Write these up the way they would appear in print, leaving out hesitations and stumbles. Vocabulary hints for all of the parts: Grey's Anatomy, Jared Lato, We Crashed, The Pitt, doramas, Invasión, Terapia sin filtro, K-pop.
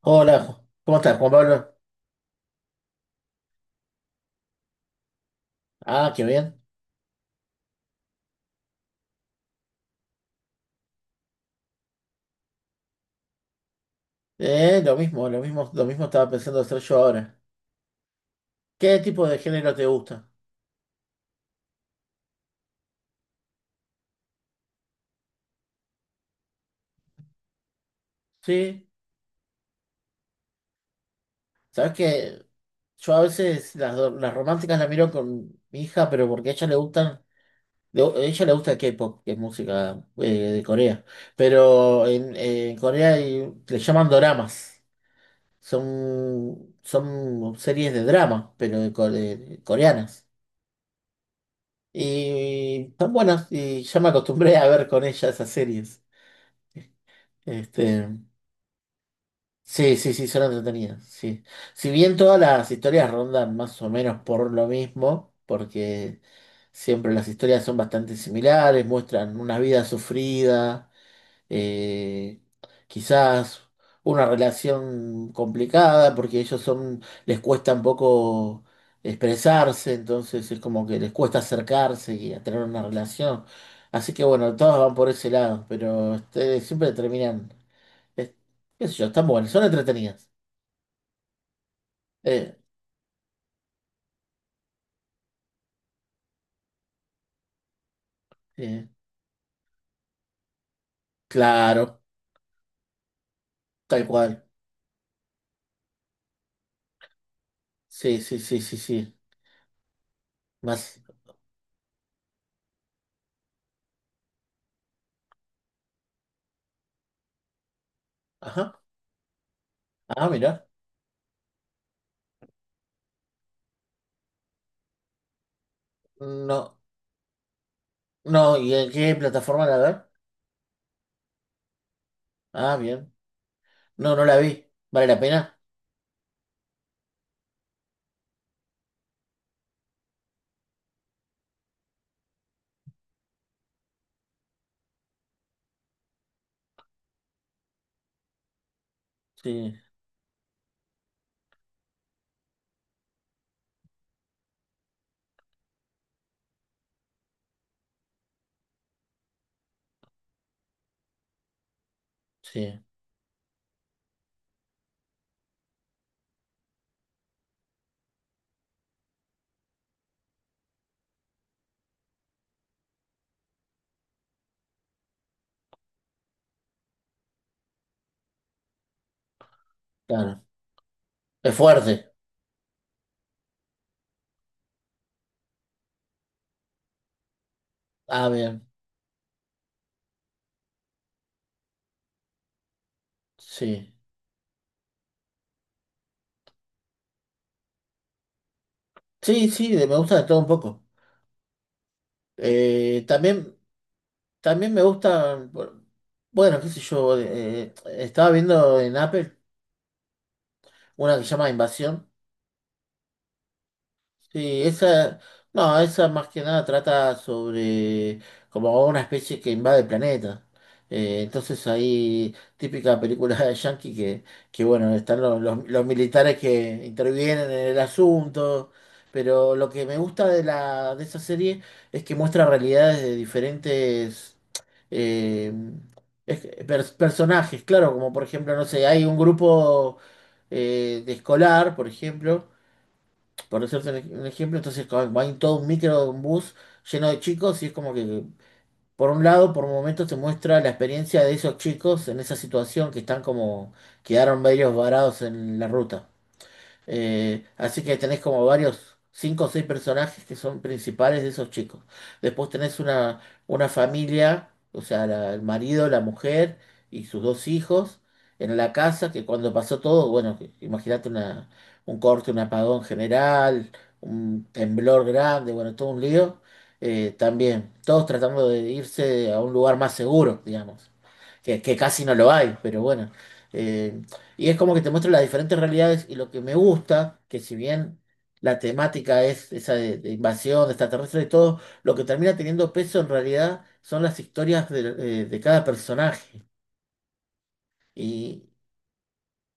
Hola, ¿cómo estás, Juan Pablo? Ah, qué bien. Lo mismo estaba pensando hacer yo ahora. ¿Qué tipo de género te gusta? Sí, sabes que yo a veces las románticas las miro con mi hija, pero porque a ella le gustan, a ella le gusta el K-pop, que es música de Corea. Pero en Corea le llaman doramas. Son, son series de drama, pero coreanas. Y tan buenas, y ya me acostumbré a ver con ella esas series. Este, sí, sí, sí, son entretenidas, sí. Si bien todas las historias rondan más o menos por lo mismo, porque siempre las historias son bastante similares, muestran una vida sufrida, eh, quizás una relación complicada porque ellos son, les cuesta un poco expresarse, entonces es como que les cuesta acercarse y a tener una relación. Así que bueno, todos van por ese lado, pero este, siempre terminan, es- qué sé yo, están buenas, son entretenidas. Eh, eh, claro, tal cual. Sí, sí, sí, sí, sí. Más. Ajá. Ah, mira. No, no, ¿y en qué plataforma la ver? Ah, bien. No, no la vi. ¿Vale la pena? Sí, sí, claro. Es fuerte. Ah, bien. Sí. Sí, sí, me gusta de todo un poco. También, también me gustan, bueno, qué sé yo, estaba viendo en Apple una que se llama Invasión. Sí, esa, no, esa más que nada trata sobre como una especie que invade el planeta. Entonces ahí, típica película de Yankee que bueno, están los militares que intervienen en el asunto, pero lo que me gusta de esa serie es que muestra realidades de diferentes eh, personajes, claro, como por ejemplo, no sé, hay un grupo de escolar, por ejemplo, por decirte un ejemplo, entonces va en todo un micro, un bus lleno de chicos y es como que, por un lado, por momentos te muestra la experiencia de esos chicos en esa situación que están como, quedaron medios varados en la ruta. Así que tenés como varios, cinco o seis personajes que son principales de esos chicos. Después tenés una familia, o sea, el marido, la mujer y sus dos hijos en la casa, que cuando pasó todo, bueno, imagínate una, un corte, un apagón general, un temblor grande, bueno, todo un lío. También, todos tratando de irse a un lugar más seguro, digamos, que casi no lo hay, pero bueno. eh, y es como que te muestra las diferentes realidades y lo que me gusta, que si bien la temática es esa de invasión extraterrestre y todo, lo que termina teniendo peso en realidad son las historias de cada personaje. Y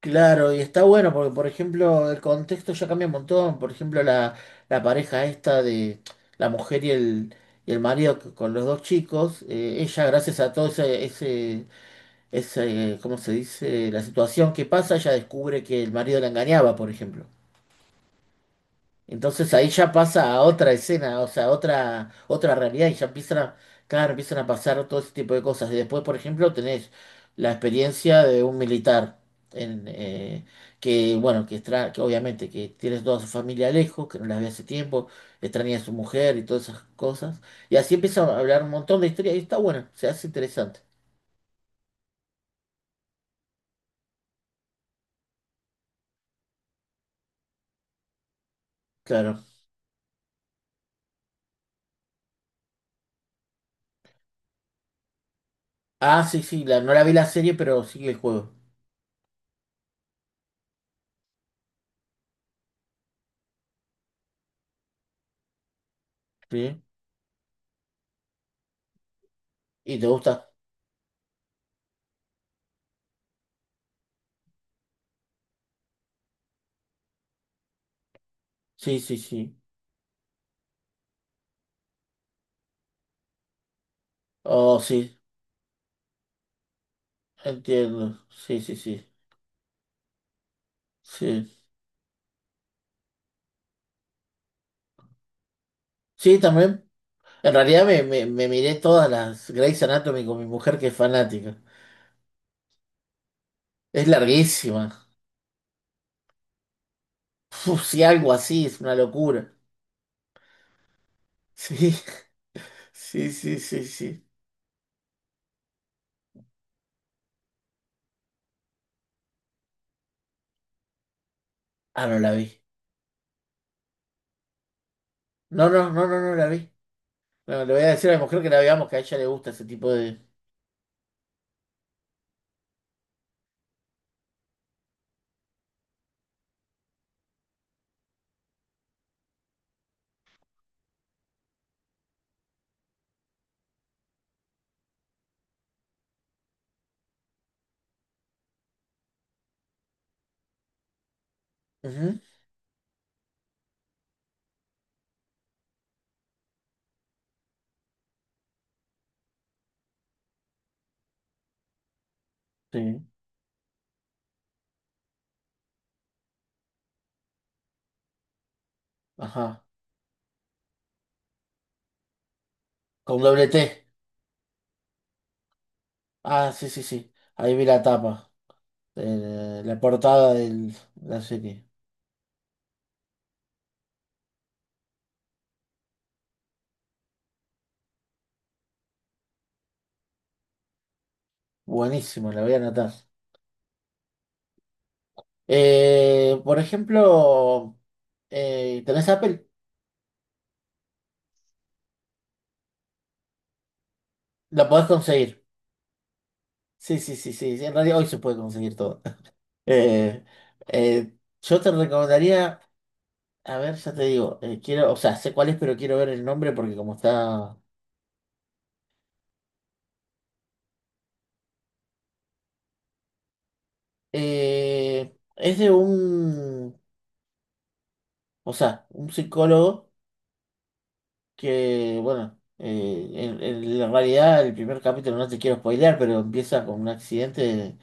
claro, y está bueno porque, por ejemplo, el contexto ya cambia un montón. Por ejemplo, la pareja esta de la mujer y el marido con los dos chicos, ella gracias a todo ese, ese es, ¿cómo se dice? La situación que pasa, ella descubre que el marido la engañaba, por ejemplo. Entonces ahí ya pasa a otra escena, o sea, a otra, otra realidad y ya empiezan a, claro, empiezan a pasar todo ese tipo de cosas. Y después, por ejemplo, tenés la experiencia de un militar en, que, bueno, que, que obviamente que tiene toda su familia lejos, que no las ve hace tiempo, extraña a su mujer y todas esas cosas. Y así empiezan a hablar un montón de historias y está bueno, se hace interesante. Claro. Ah, sí, sí, la, no la vi la serie, pero sí el juego. ¿Sí? ¿Y te gusta? Sí, sí, sí. Oh, sí, entiendo. Sí, sí, sí. Sí, sí, también. En realidad me miré todas las Grey's Anatomy con mi mujer que es fanática. Es larguísima. Uf, sí, algo así, es una locura. Sí, sí, sí, sí, sí. Ah, no la vi. No, no, no, no, no la vi. No, le voy a decir a mi mujer que la veamos, que a ella le gusta ese tipo de... Ujú, sí, ajá. Con doble T. Ah, sí, sí, sí. Ahí vi la tapa, la portada de la serie. Buenísimo, la voy a anotar. Por ejemplo, ¿tenés Apple? La podés conseguir. Sí, sí, sí, sí, sí, en realidad hoy se puede conseguir todo. Eh, yo te recomendaría, a ver, ya te digo, quiero, o sea, sé cuál es, pero quiero ver el nombre porque como está... es de un, o sea, un psicólogo, que, bueno, en la realidad el primer capítulo no te quiero spoilear, pero empieza con un accidente.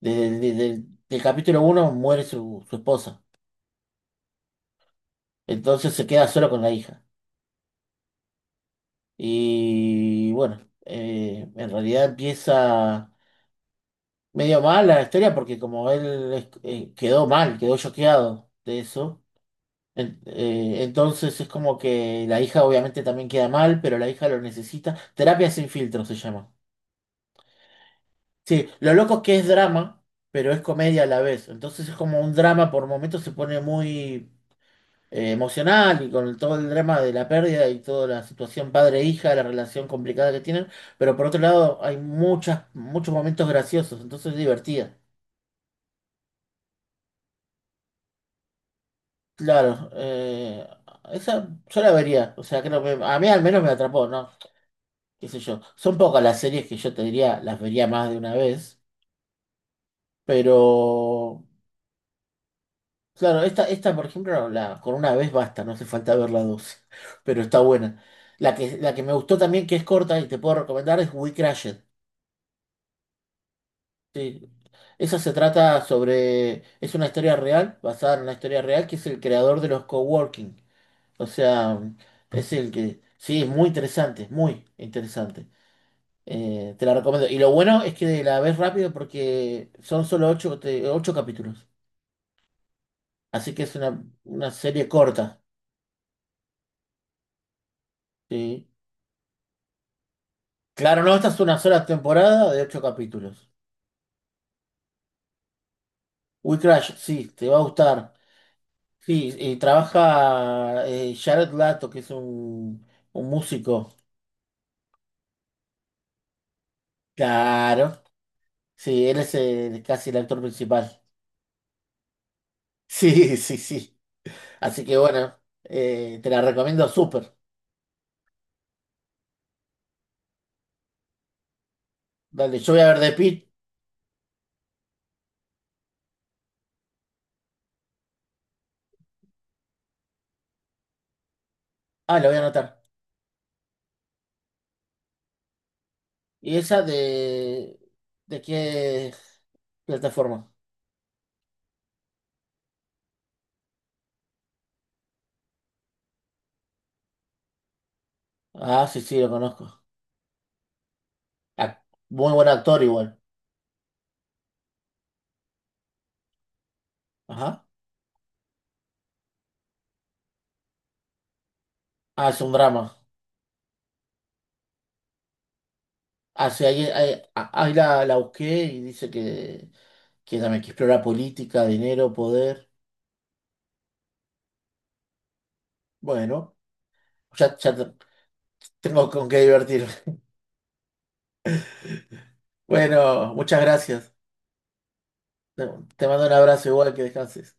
Desde el del capítulo uno muere su, su esposa. Entonces se queda solo con la hija. Y bueno, en realidad empieza medio mal la historia porque como él quedó mal, quedó choqueado de eso. Entonces es como que la hija obviamente también queda mal, pero la hija lo necesita. Terapia sin filtro se llama. Sí, lo loco es que es drama, pero es comedia a la vez. Entonces es como un drama, por momentos se pone muy emocional y con todo el drama de la pérdida y toda la situación padre-hija, la relación complicada que tienen, pero por otro lado hay muchos momentos graciosos, entonces es divertida. Claro, esa yo la vería, o sea, creo que a mí al menos me atrapó, ¿no? ¿Qué sé yo? Son pocas las series que yo te diría, las vería más de una vez, pero... Claro, esta, por ejemplo, la, con una vez basta, no hace falta ver la dos, pero está buena. La que me gustó también, que es corta y te puedo recomendar, es We Crashed. Sí. Esa se trata sobre, es una historia real, basada en una historia real, que es el creador de los coworking. O sea, es el que, sí, es muy interesante, es muy interesante. Te la recomiendo. Y lo bueno es que la ves rápido porque son solo ocho capítulos. Así que es una serie corta. ¿Sí? Claro, no, esta es una sola temporada de ocho capítulos. We Crash, sí, te va a gustar. Sí, trabaja Jared Lato, que es un músico. Claro, sí, él es casi el actor principal. Sí, sí, sí. Así que bueno, te la recomiendo súper. Dale, yo voy a ver The Pitt. Ah, la voy a anotar. ¿Y esa de qué plataforma? Ah, sí, sí, lo conozco. Ah, muy buen actor igual. Ajá. Ah, es un drama. Ah, sí, ahí la, la busqué y dice que también que explora política, dinero, poder. Bueno, ya, ya te- tengo con qué divertirme. Bueno, muchas gracias. Te te mando un abrazo igual que descanses.